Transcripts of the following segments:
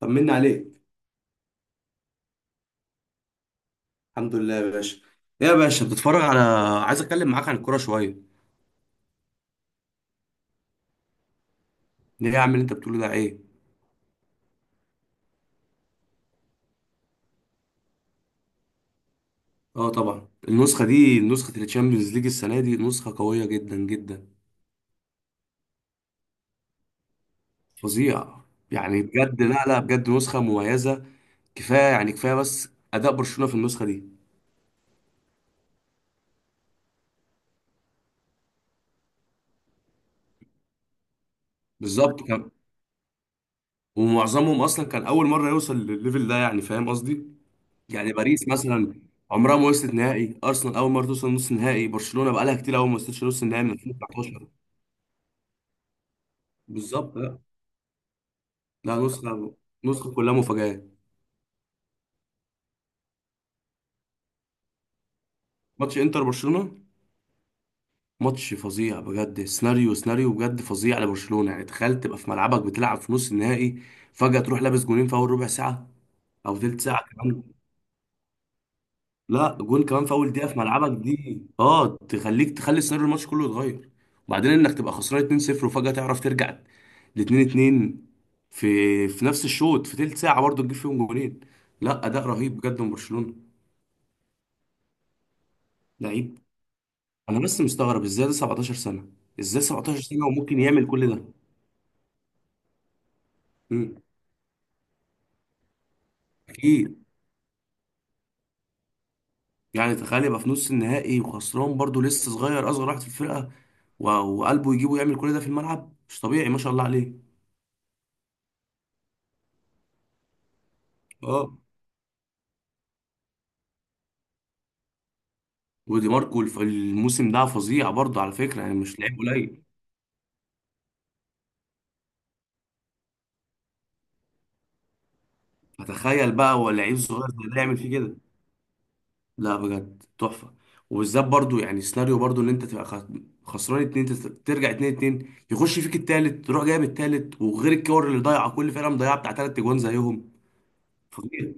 طمنا عليك. الحمد لله يا باشا. ايه يا باشا، بتتفرج على، عايز اتكلم معاك عن الكوره شويه. ليه يا عم اللي انت بتقوله ده ايه؟ اه طبعا، النسخه دي نسخه التشامبيونز ليج، السنه دي نسخه قويه جدا جدا. فظيعه. يعني بجد، لا لا بجد نسخه مميزه. كفايه يعني كفايه بس اداء برشلونه في النسخه دي. بالظبط كان، ومعظمهم اصلا كان اول مره يوصل للليفل ده، يعني فاهم قصدي؟ يعني باريس مثلا عمرها ما وصلت نهائي، ارسنال اول مره توصل نص نهائي، برشلونه بقى لها كتير قوي ما وصلتش نص نهائي من 2019. بالظبط. لا، لا نسخة، نسخة كلها مفاجآت. ماتش انتر برشلونة، ماتش فظيع بجد. سيناريو، سيناريو بجد فظيع لبرشلونة. يعني تخيل تبقى في ملعبك بتلعب في نص النهائي، فجأة تروح لابس جونين في أول ربع ساعة أو تلت ساعة كمان. لا جون كمان في أول دقيقة في ملعبك، دي اه تخليك، تخلي سيناريو الماتش كله يتغير. وبعدين إنك تبقى خسران 2-0 وفجأة تعرف ترجع ل 2-2، في نفس الشوط، في تلت ساعة برضه تجيب فيهم جونين. لا أداء رهيب بجد من برشلونة. لعيب. انا بس مستغرب ازاي ده 17 سنه، ازاي 17 سنه وممكن يعمل كل ده. امم اكيد. يعني تخيل يبقى في نص النهائي وخسران، برضو لسه صغير اصغر واحد في الفرقه، و- وقلبه يجيبه يعمل كل ده في الملعب، مش طبيعي ما شاء الله عليه. اه. ودي ماركو الموسم ده فظيع برضو على فكره، يعني مش لعيب قليل. فتخيل بقى هو لعيب صغير زي ده يعمل فيه كده. لا بجد تحفة. وبالذات برضو يعني سيناريو، برضو ان انت تبقى خسران اتنين، ترجع اتنين اتنين، يخش فيك التالت تروح جايب التالت، وغير الكور اللي ضايعة، كل فرقة مضيعة بتاع تلات جوان زيهم. فظيع.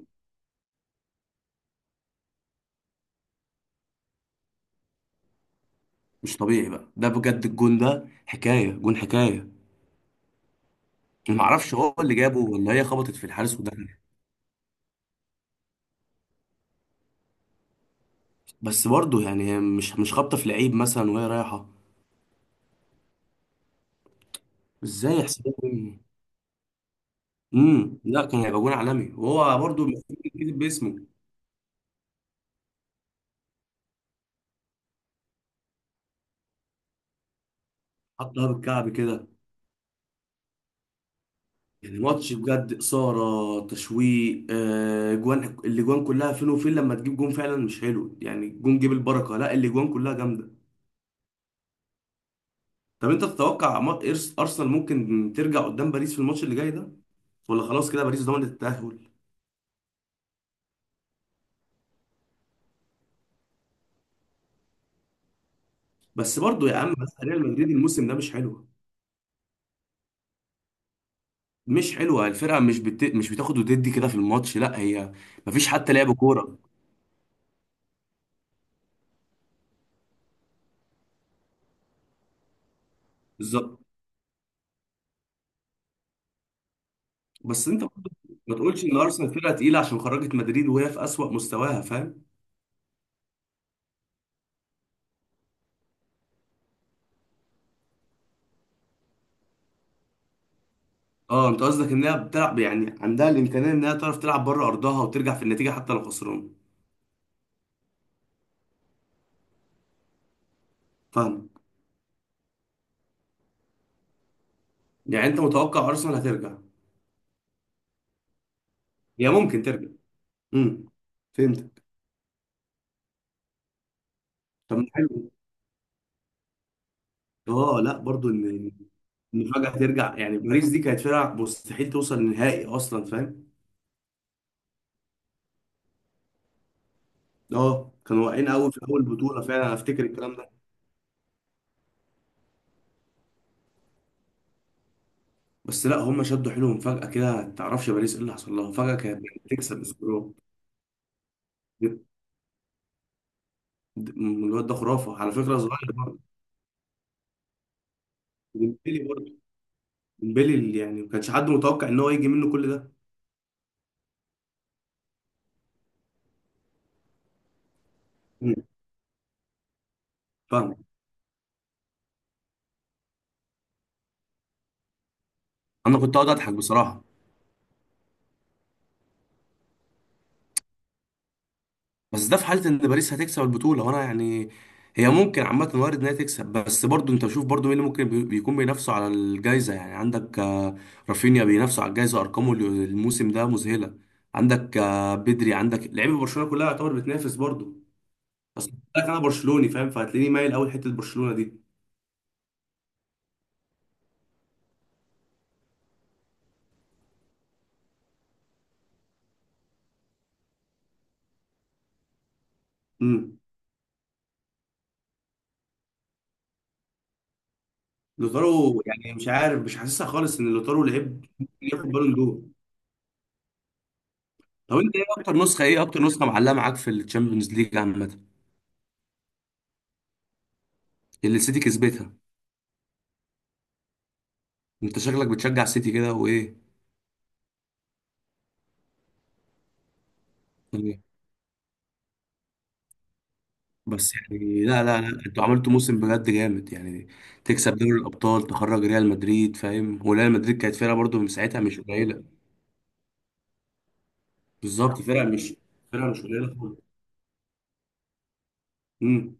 مش طبيعي بقى ده بجد، الجون ده حكاية، جون حكاية. ما اعرفش هو اللي جابه ولا هي خبطت في الحارس ودخلت. بس برضو يعني هي مش خابطة في لعيب مثلا وهي رايحة. ازاي يحسبها؟ لا، كان هيبقى جون عالمي وهو برضو المفروض يتكتب باسمه. حطها بالكعب كده. يعني ماتش بجد إثارة، تشويق، جوان، الأجوان كلها فين وفين، لما تجيب جون فعلا مش حلو، يعني جون جيب البركة، لا الأجوان كلها جامدة. طب أنت تتوقع أرسنال ممكن ترجع قدام باريس في الماتش اللي جاي ده، ولا خلاص كده باريس ضمنت التأهل؟ بس برضو يا عم، بس ريال مدريد الموسم ده مش حلو. مش حلوه الفرقه، مش بتاخد وتدي كده في الماتش، لا هي مفيش حتى لعب كوره. بالظبط. بس أنت برضو ما تقولش إن أرسنال فرقة تقيلة عشان خرجت مدريد وهي في أسوأ مستواها، فاهم؟ اه انت قصدك انها بتلعب يعني عندها الامكانيه انها تعرف تلعب بره ارضها وترجع في النتيجه حتى لو خسران. فاهم. يعني انت متوقع ارسنال هترجع؟ هي ممكن ترجع. امم فهمتك. طب ما حلو. اه لا برضو ان، ان فجاه ترجع، يعني باريس دي كانت فرقه مستحيل توصل للنهائي اصلا، فاهم؟ اه كانوا واقعين قوي في اول بطوله فعلا، انا افتكر الكلام ده. بس لا هم شدوا حيلهم فجاه كده، ما تعرفش باريس ايه اللي حصل لها، فجاه كانت بتكسب بسكورات. الواد ده خرافه على فكره، صغير. برضه ديمبلي يعني ما كانش حد متوقع ان هو يجي منه كل ده. مم. فاهم. انا كنت اقعد اضحك بصراحه. بس ده في حاله ان باريس هتكسب البطوله، وانا يعني هي ممكن عامه وارد انها تكسب. بس برضو انت شوف برضو مين اللي ممكن بيكون بينافسوا على الجائزه. يعني عندك رافينيا بينافسوا على الجائزه، ارقامه الموسم ده مذهله. عندك بدري، عندك لعيبه برشلونه كلها يعتبر بتنافس برضو. بس لك انا برشلوني، فاهم، فهتلاقيني مايل قوي حته برشلونه دي. امم لوتارو يعني مش عارف، مش حاسسها خالص ان لوتارو لعيب ممكن ياخد بالون دور. طب انت ايه اكتر نسخه، ايه اكتر نسخه معلقه معاك في الشامبيونز ليج عامه؟ اللي السيتي كسبتها. انت شكلك بتشجع السيتي كده وايه؟ يعني بس يعني، لا لا لا انتوا عملتوا موسم بجد جامد يعني. تكسب دوري الابطال، تخرج ريال مدريد، فاهم، وريال مدريد كانت فرقه برضو من ساعتها مش قليله. بالظبط فرقه مش، فرقه مش قليله خالص. امم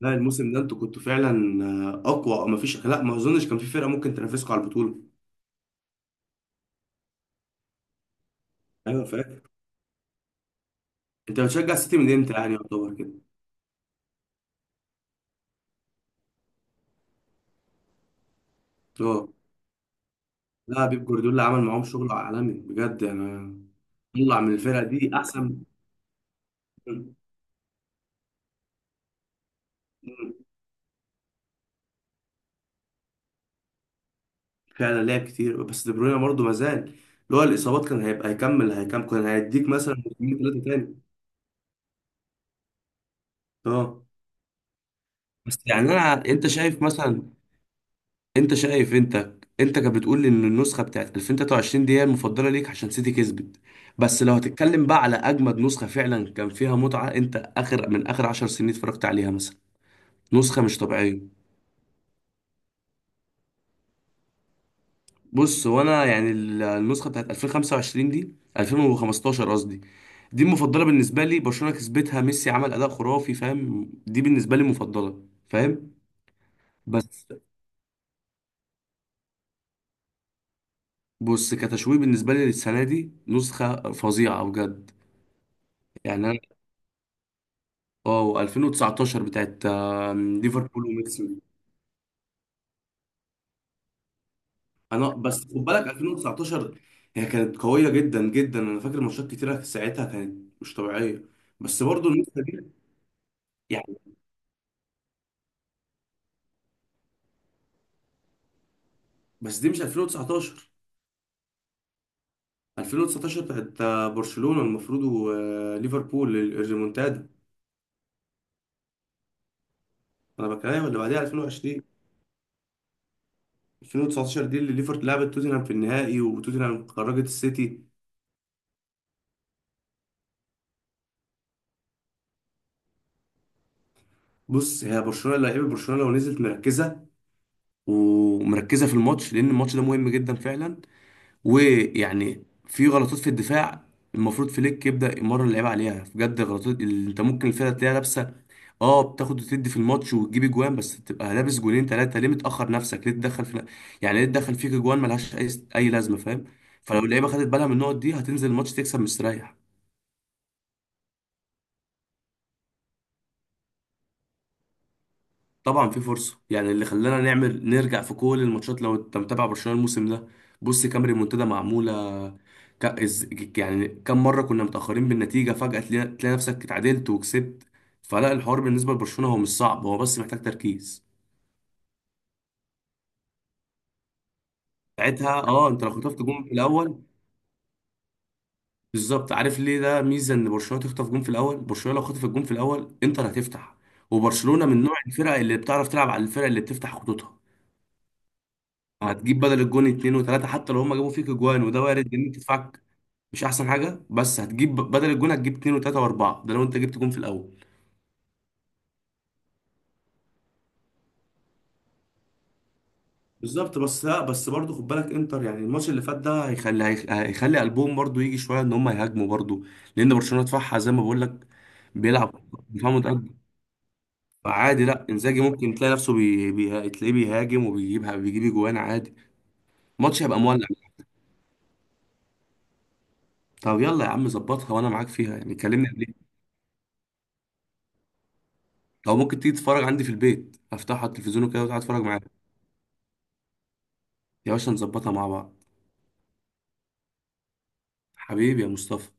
لا الموسم ده انتوا كنتوا فعلا اقوى، او مفيش، لا ما اظنش كان في فرقه ممكن تنافسكم على البطوله. ايوه فاكر. انت بتشجع السيتي من امتى يعني يعتبر كده؟ اه لا بيب جوارديولا عمل معاهم شغل عالمي بجد يعني. طلع من الفرقه دي احسن. فعلا لعب كتير، بس دي بروين برضه ما زال اللي هو الاصابات، كان هيبقى هيكمل، كان هيديك مثلا موسمين ثلاثه تاني. اه. بس يعني انا، انت شايف مثلا، انت شايف، انت، انت كانت بتقول لي ان النسخه بتاعت 2023 دي هي المفضله ليك عشان سيتي كسبت، بس لو هتتكلم بقى على اجمد نسخه فعلا كان فيها متعه انت اخر، من اخر 10 سنين اتفرجت عليها مثلا، نسخه مش طبيعيه. بص هو انا يعني النسخه بتاعت 2025 دي، 2015 قصدي، دي المفضله بالنسبه لي. برشلونه كسبتها، ميسي عمل اداء خرافي، فاهم؟ دي بالنسبه لي مفضله، فاهم؟ بس بص، كتشويه بالنسبه لي للسنه دي نسخه فظيعه بجد. يعني انا اه 2019 بتاعت ليفربول وميسي. انا بس خد بالك 2019، هي كانت قويه جدا جدا، انا فاكر ماتشات كتيره ساعتها كانت مش طبيعيه. بس برضو النسخه دي، يعني، بس دي مش 2019، 2019 بتاعت برشلونة المفروض وليفربول الريمونتادا. انا بكلمك اللي بعديها، 2020. 2019 دي اللي ليفربول لعبت توتنهام في النهائي وتوتنهام خرجت السيتي. بص هي برشلونة لعيبة، برشلونة لو نزلت مركزة، ومركزة في الماتش لأن الماتش ده مهم جدا فعلا، ويعني في غلطات في الدفاع المفروض فليك يبدأ يمرن اللعيبه عليها، بجد غلطات اللي انت ممكن الفرقه تلاقيها لابسه، اه بتاخد وتدي في الماتش وتجيب اجوان، بس تبقى لابس جولين ثلاثه ليه؟ متاخر نفسك ليه؟ تدخل في، يعني ليه تدخل فيك اجوان ملهاش اي، اي لازمه، فاهم؟ فلو اللعيبه خدت بالها من النقط دي هتنزل الماتش تكسب مستريح. طبعا في فرصه، يعني اللي خلانا نعمل نرجع في كل الماتشات لو انت متابع برشلونه الموسم ده، بص كام ريمونتادا معموله. ك... إز... يعني كم مره كنا متاخرين بالنتيجه، فجاه تلاقي نفسك اتعادلت وكسبت. فلا الحوار بالنسبه لبرشلونه هو مش صعب، هو بس محتاج تركيز. ساعتها اه انت لو خطفت جون في الاول، بالظبط. عارف ليه ده ميزه ان برشلونه تخطف جون في الاول؟ برشلونه لو خطفت جون في الاول انتر هتفتح، وبرشلونه من نوع الفرق اللي بتعرف تلعب على الفرق اللي بتفتح خطوطها. هتجيب بدل الجون اتنين وتلاته، حتى لو هما جابوا فيك اجوان وده وارد لان انت دفاعك مش احسن حاجه، بس هتجيب بدل الجون هتجيب اتنين وتلاته واربعه، ده لو انت جبت جون في الاول. بالظبط. بس لا بس برضه خد بالك انتر، يعني الماتش اللي فات ده هيخلي، هيخلي قلبهم برضه يجي شويه ان هم يهاجموا برضه، لان برشلونه دفاعها زي ما بقول لك بيلعب دفاع متقدم. فعادي لا انزاجي ممكن تلاقي نفسه تلاقيه بيهاجم، وبيجيب اجوان عادي. الماتش هيبقى مولع. طب يلا يا عم ظبطها وانا معاك فيها، يعني كلمني قبل. لو ممكن تيجي تتفرج عندي في البيت، افتحها على التلفزيون وكده وتقعد اتفرج معاك. يا باشا نظبطها مع بعض. حبيبي يا مصطفى.